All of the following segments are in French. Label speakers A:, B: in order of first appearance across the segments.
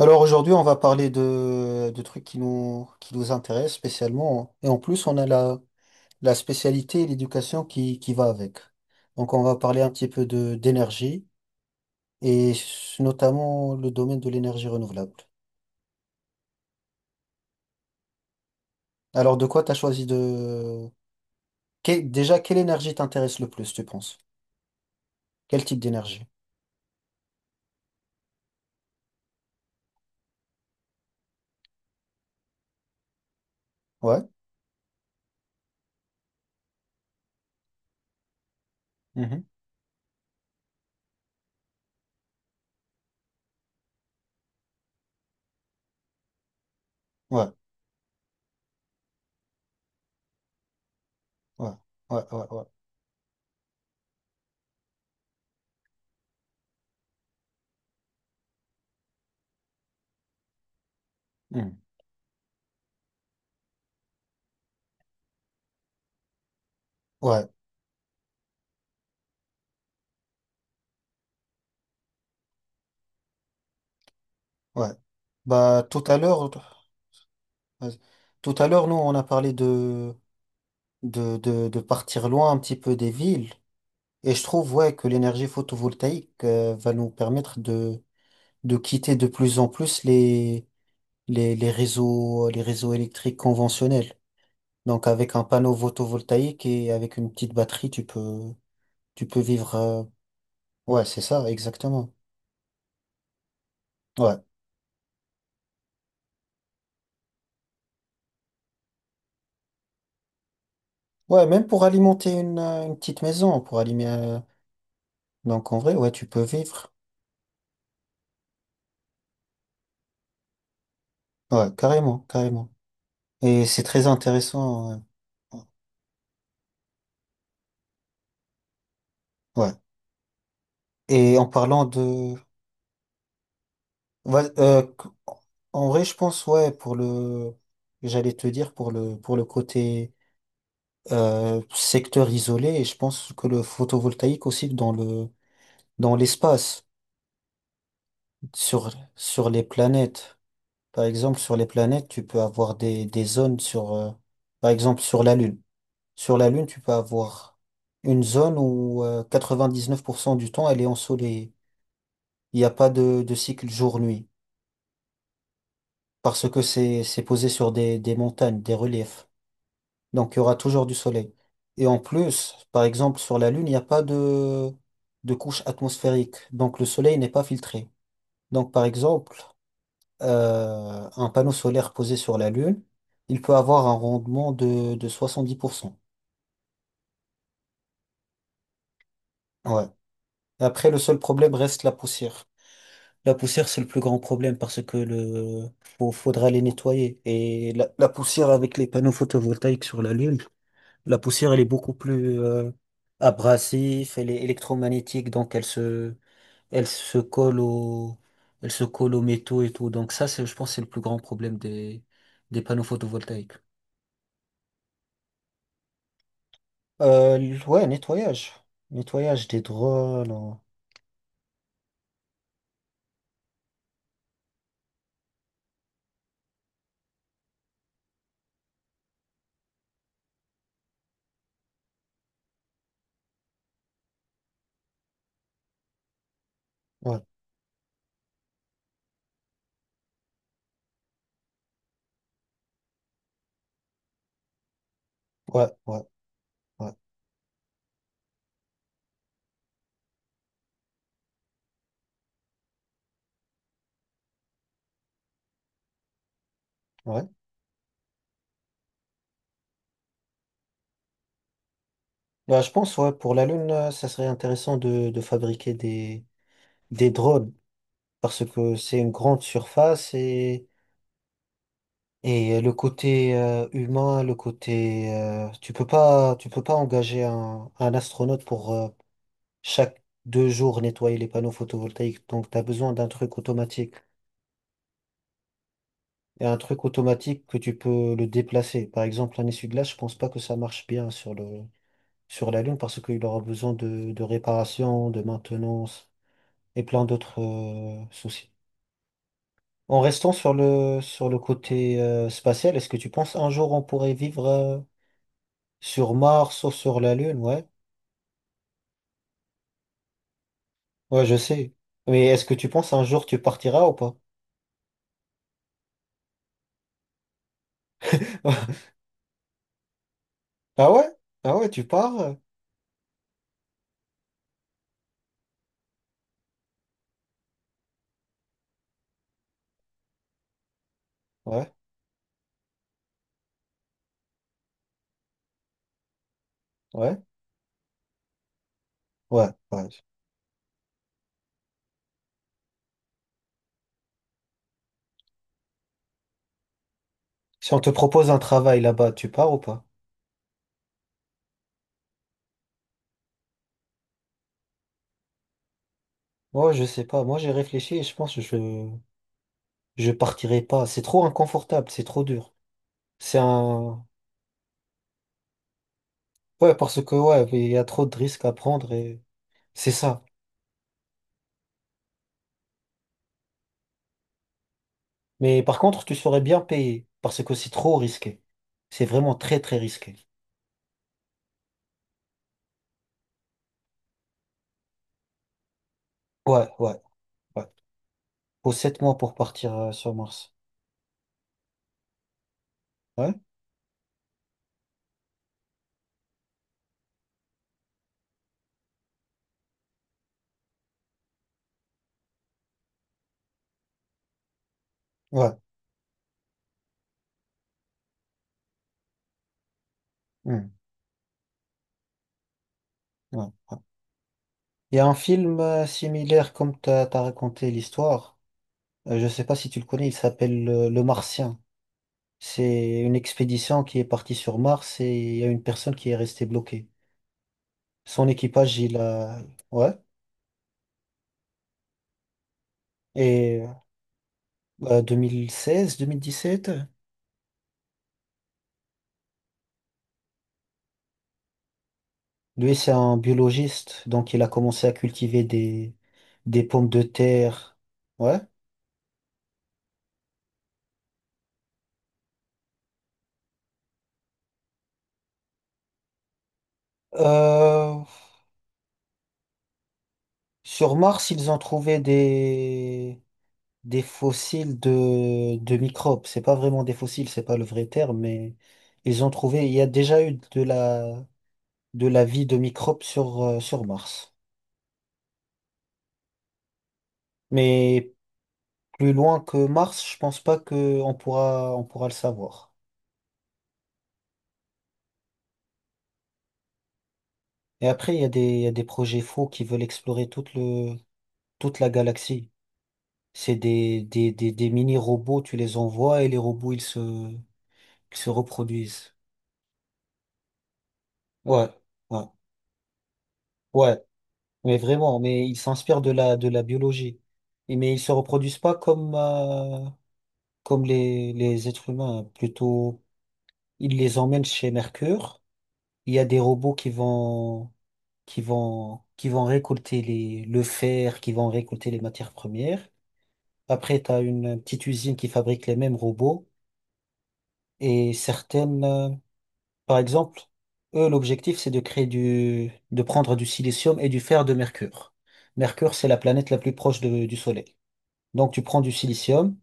A: Alors aujourd'hui, on va parler de trucs qui nous intéressent spécialement. Et en plus, on a la spécialité et l'éducation qui va avec. Donc on va parler un petit peu d'énergie et notamment le domaine de l'énergie renouvelable. Alors de quoi t'as choisi déjà, quelle énergie t'intéresse le plus, tu penses? Quel type d'énergie? Ouais. Mhm. Ouais. Ouais. Ouais. Ouais. Ouais. Mhm. Ouais. Ouais. Bah tout à l'heure, vas-y. Tout à l'heure, nous, on a parlé de partir loin un petit peu des villes. Et je trouve, ouais, que l'énergie photovoltaïque va nous permettre de quitter de plus en plus les réseaux électriques conventionnels. Donc avec un panneau photovoltaïque et avec une petite batterie, tu peux vivre. Ouais, c'est ça, exactement. Ouais. Ouais, même pour alimenter une petite maison, pour alimenter. Donc en vrai, ouais, tu peux vivre. Ouais, carrément, carrément. Et c'est très intéressant. Ouais. Ouais. Et en parlant de, ouais, en vrai, je pense, ouais, pour le, j'allais te dire, pour le côté secteur isolé, et je pense que le photovoltaïque aussi dans l'espace, sur les planètes. Par exemple, sur les planètes, tu peux avoir des zones par exemple, sur la Lune. Sur la Lune, tu peux avoir une zone où 99% du temps, elle est ensoleillée. Il n'y a pas de cycle jour-nuit, parce que c'est posé sur des montagnes, des reliefs. Donc, il y aura toujours du soleil. Et en plus, par exemple, sur la Lune, il n'y a pas de couche atmosphérique. Donc, le soleil n'est pas filtré. Donc, par exemple, un panneau solaire posé sur la Lune, il peut avoir un rendement de 70%. Ouais. Et après, le seul problème reste la poussière. La poussière, c'est le plus grand problème parce que faudra les nettoyer. Et la poussière avec les panneaux photovoltaïques sur la Lune. La poussière, elle est beaucoup plus abrasive, elle est électromagnétique, donc elle se colle au, elle se colle aux métaux et tout. Donc ça, c'est, je pense, que c'est le plus grand problème des panneaux photovoltaïques. Euh, ouais, nettoyage des drones. Ouais, ouais, ouais, ouais, ouais. Bah, je pense, ouais, pour la Lune, ça serait intéressant de fabriquer des drones parce que c'est une grande surface. Et le côté humain, le côté tu peux pas engager un astronaute pour chaque 2 jours nettoyer les panneaux photovoltaïques. Donc tu as besoin d'un truc automatique. Et un truc automatique que tu peux le déplacer. Par exemple, un essuie-glace, je pense pas que ça marche bien sur la Lune parce qu'il aura besoin de réparation, de maintenance et plein d'autres soucis. En restant sur le côté spatial, est-ce que tu penses un jour on pourrait vivre sur Mars ou sur la Lune, ouais? Ouais, je sais. Mais est-ce que tu penses un jour tu partiras ou pas? Ah ouais? Ah ouais, tu pars? Ouais, ouais, ouais, ouais. Si on te propose un travail là-bas, tu pars ou pas? Moi, je sais pas. Moi, j'ai réfléchi et je pense que je partirai pas. C'est trop inconfortable, c'est trop dur. C'est un Ouais, parce que ouais, il y a trop de risques à prendre et c'est ça. Mais par contre, tu serais bien payé parce que c'est trop risqué. C'est vraiment très très risqué. Ouais, ouais, ouais. Faut 7 mois pour partir sur Mars. Ouais? Ouais. Hmm. Ouais. Ouais. Il y a un film similaire comme t'as raconté l'histoire. Je sais pas si tu le connais, il s'appelle Le Martien. C'est une expédition qui est partie sur Mars et il y a une personne qui est restée bloquée. Son équipage, il a... Ouais. Et 2016, 2017, lui, c'est un biologiste, donc il a commencé à cultiver des pommes de terre. Ouais. Euh, Sur Mars, ils ont trouvé des fossiles de microbes. C'est pas vraiment des fossiles, c'est pas le vrai terme, mais ils ont trouvé, il y a déjà eu de la vie de microbes sur Mars. Mais plus loin que Mars, je pense pas que on pourra le savoir. Et après, il y a des projets faux qui veulent explorer toute la galaxie. C'est des mini-robots, tu les envoies et les robots, ils se reproduisent. Ouais. Ouais. Ouais, mais vraiment, mais ils s'inspirent de la biologie. Mais ils se reproduisent pas comme les êtres humains. Hein. Plutôt, ils les emmènent chez Mercure. Il y a des robots qui vont, qui vont récolter le fer, qui vont récolter les matières premières. Après, tu as une petite usine qui fabrique les mêmes robots. Et certaines, par exemple, eux, l'objectif, c'est de prendre du silicium et du fer de Mercure. Mercure, c'est la planète la plus proche du Soleil. Donc, tu prends du silicium.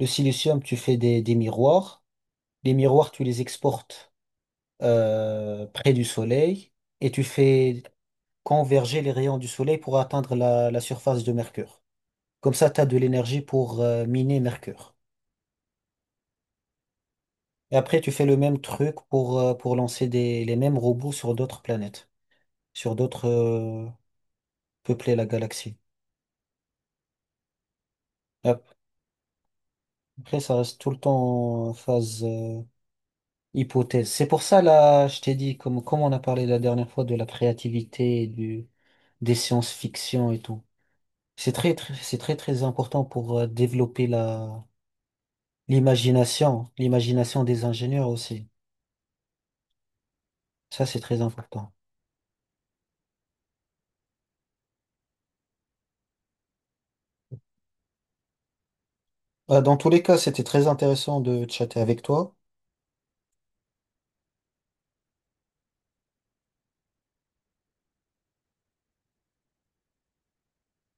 A: Le silicium, tu fais des miroirs. Les miroirs, tu les exportes près du soleil et tu fais converger les rayons du soleil pour atteindre la surface de Mercure. Comme ça, tu as de l'énergie pour miner Mercure. Et après, tu fais le même truc pour lancer les mêmes robots sur d'autres planètes, sur d'autres peupler la galaxie. Ap- Après, ça reste tout le temps en phase. Hypothèse. C'est pour ça, là, je t'ai dit, comme on a parlé la dernière fois de la créativité et des sciences-fiction et tout. C'est très, très important pour développer l'imagination des ingénieurs aussi. Ça, c'est très important. Dans tous les cas, c'était très intéressant de chatter avec toi.